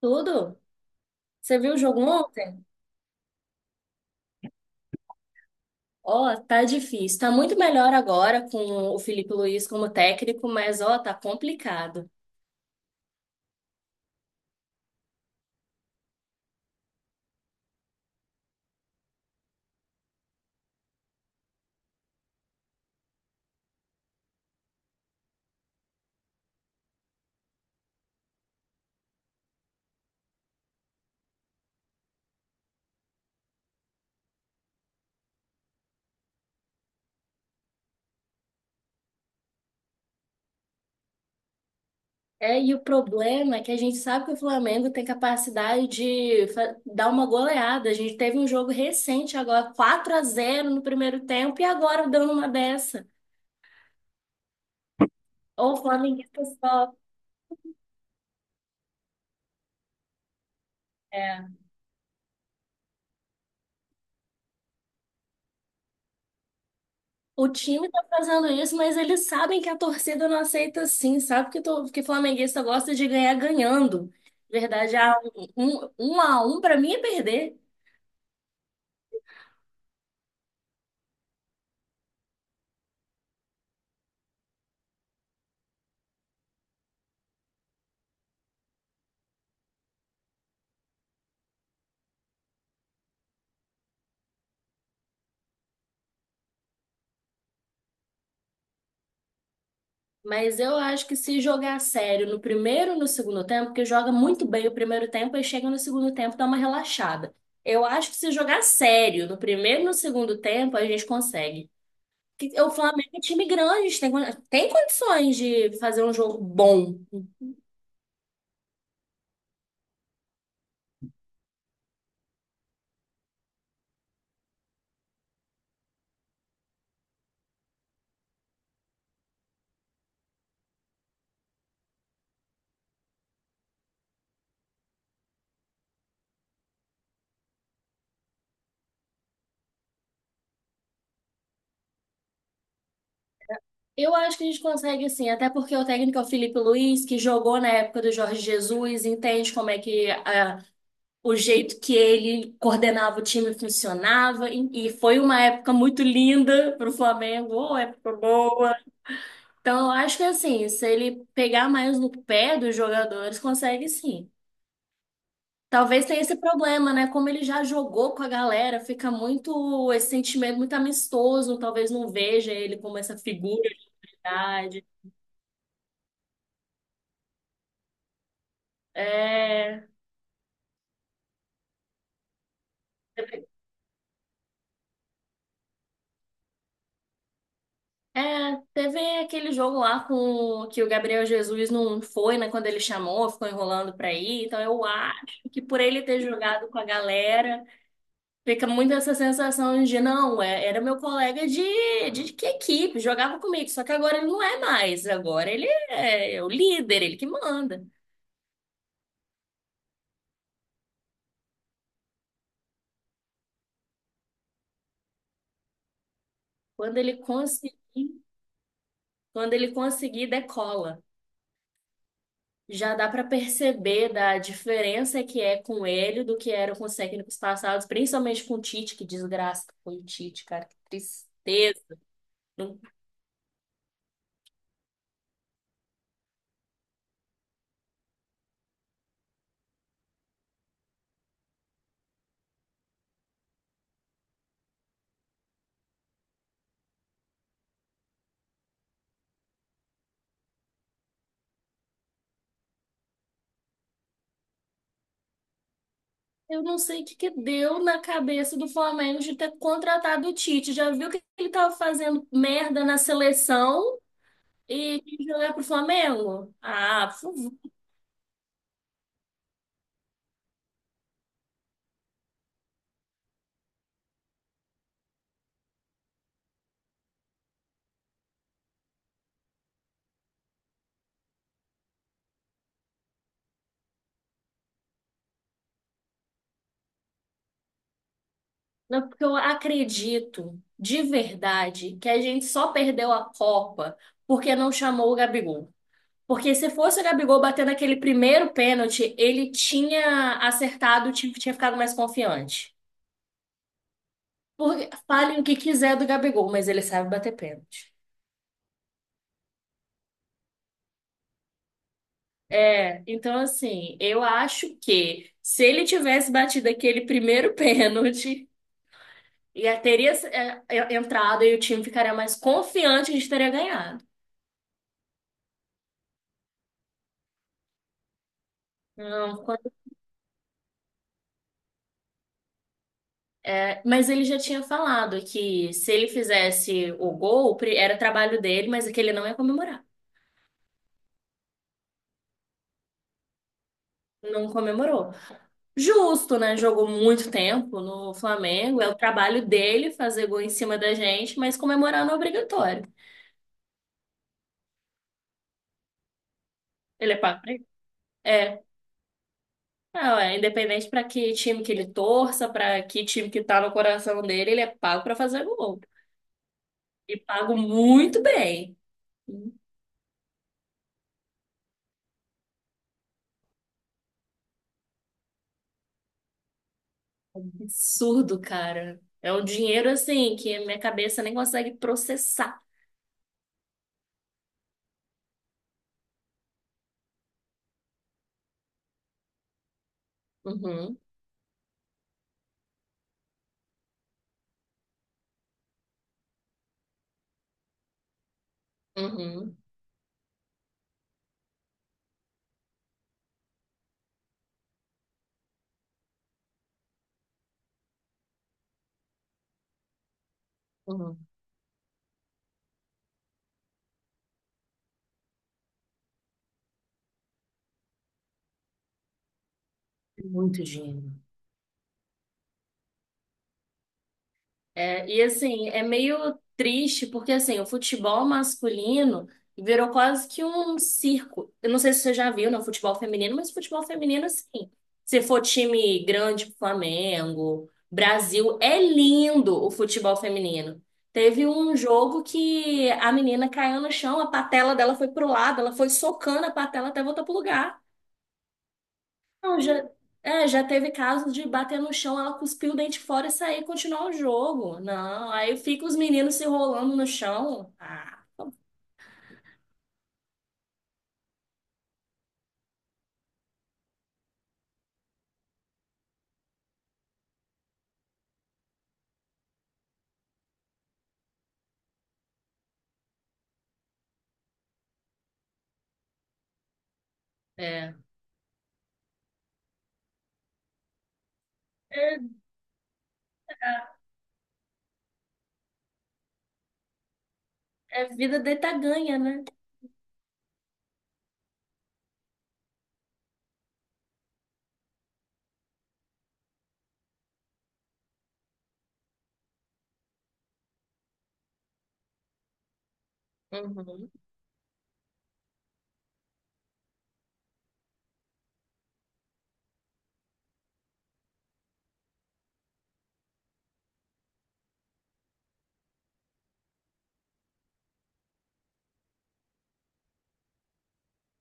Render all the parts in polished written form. Tudo? Você viu o jogo ontem? Ó, tá difícil. Tá muito melhor agora com o Felipe Luiz como técnico, mas ó, tá complicado. É, e o problema é que a gente sabe que o Flamengo tem capacidade de dar uma goleada. A gente teve um jogo recente agora, 4-0 no primeiro tempo, e agora dando uma dessa. Ô, o flamenguista só. É. O time tá fazendo isso, mas eles sabem que a torcida não aceita assim, sabe? Que, que flamenguista gosta de ganhar ganhando. Verdade, 1-1 pra mim é perder. Mas eu acho que se jogar sério no primeiro e no segundo tempo, porque joga muito bem o primeiro tempo e chega no segundo tempo, dá uma relaxada. Eu acho que se jogar sério no primeiro e no segundo tempo, a gente consegue. O Flamengo é um time grande, a gente tem, tem condições de fazer um jogo bom. Eu acho que a gente consegue sim, até porque o técnico é o Felipe Luiz, que jogou na época do Jorge Jesus, entende como é que o jeito que ele coordenava o time funcionava, e foi uma época muito linda para o Flamengo, uma época boa. Então, eu acho que assim, se ele pegar mais no pé dos jogadores, consegue sim. Talvez tenha esse problema, né? Como ele já jogou com a galera, fica muito esse sentimento muito amistoso, talvez não veja ele como essa figura de idade. É. É, teve aquele jogo lá com que o Gabriel Jesus não foi, né, quando ele chamou, ficou enrolando pra ir. Então eu acho que por ele ter jogado com a galera, fica muito essa sensação de não, era meu colega de que equipe, jogava comigo, só que agora ele não é mais, agora ele é o líder, ele que manda. Quando ele conseguir, quando ele conseguir, decola. Já dá para perceber da diferença que é com ele do que era com os técnicos passados, principalmente com o Tite, que desgraça que foi o Tite, cara, que tristeza. Não- Eu não sei o que que deu na cabeça do Flamengo de ter contratado o Tite. Já viu que ele tava fazendo merda na seleção e quis jogar pro Flamengo? Ah, por favor. Não, porque eu acredito de verdade que a gente só perdeu a Copa porque não chamou o Gabigol. Porque se fosse o Gabigol batendo aquele primeiro pênalti, ele tinha acertado, tinha, tinha ficado mais confiante. Porque falem o que quiser do Gabigol, mas ele sabe bater pênalti. É, então assim, eu acho que se ele tivesse batido aquele primeiro pênalti, já teria entrado e o time ficaria mais confiante de teria ganhado. Não, mas ele já tinha falado que se ele fizesse o gol, era trabalho dele, mas é que ele não ia comemorar. Não comemorou. Justo, né? Jogou muito tempo no Flamengo. É o trabalho dele fazer gol em cima da gente, mas comemorar não é obrigatório. Ele é pago pra isso? É, não, é independente para que time que ele torça, para que time que tá no coração dele, ele é pago para fazer gol. E pago muito bem. Absurdo, cara. É um dinheiro assim que a minha cabeça nem consegue processar. Uhum, uhum, uhum. Muito dinheiro. É, e assim, é meio triste porque assim, o futebol masculino virou quase que um circo. Eu não sei se você já viu no futebol feminino, mas futebol feminino assim, se for time grande, Flamengo, Brasil, é lindo o futebol feminino. Teve um jogo que a menina caiu no chão, a patela dela foi pro lado, ela foi socando a patela até voltar pro lugar. Não, já, é, já teve casos de bater no chão, ela cuspir o dente fora e sair e continuar o jogo. Não, aí fica os meninos se rolando no chão. Ah, é. É, é vida deita ganha, né? Uhum,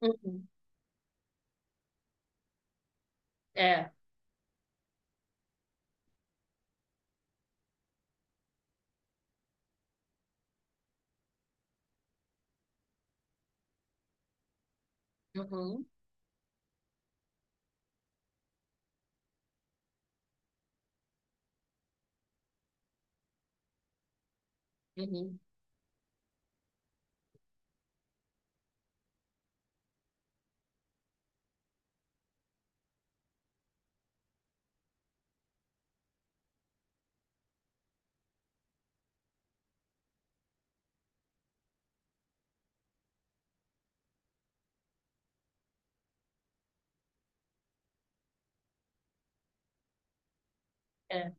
uhum, é, uhum, uhum, é.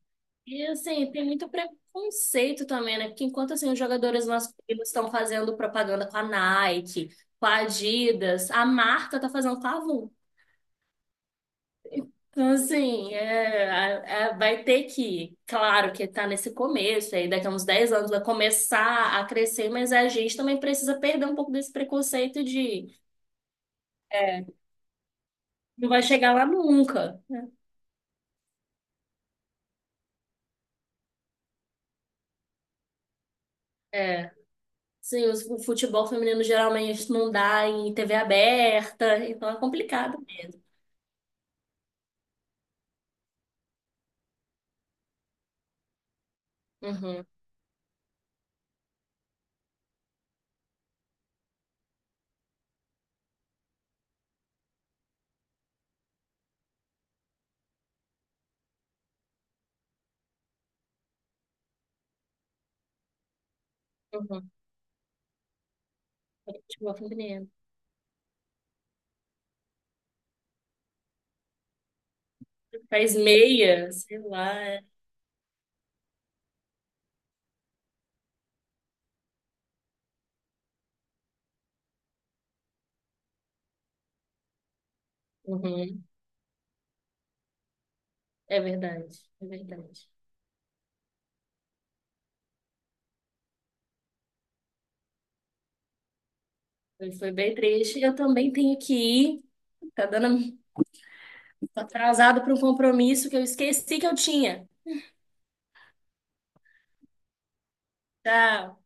E assim, tem muito preconceito também, né? Porque enquanto assim, os jogadores masculinos estão fazendo propaganda com a Nike, com a Adidas, a marca tá fazendo com a Avon. Então, assim, vai ter que, claro que está nesse começo, aí daqui a uns 10 anos vai começar a crescer, mas a gente também precisa perder um pouco desse preconceito de não vai chegar lá nunca. É, sim, os- o futebol feminino geralmente não dá em TV aberta, então é complicado mesmo. Uhum, uhum. Futebol feminino. Faz meia, sei lá. É. Uhum. É verdade, é verdade. Foi bem triste. Eu também tenho que ir. Tá dando Tô atrasado para um compromisso que eu esqueci que eu tinha. Tchau.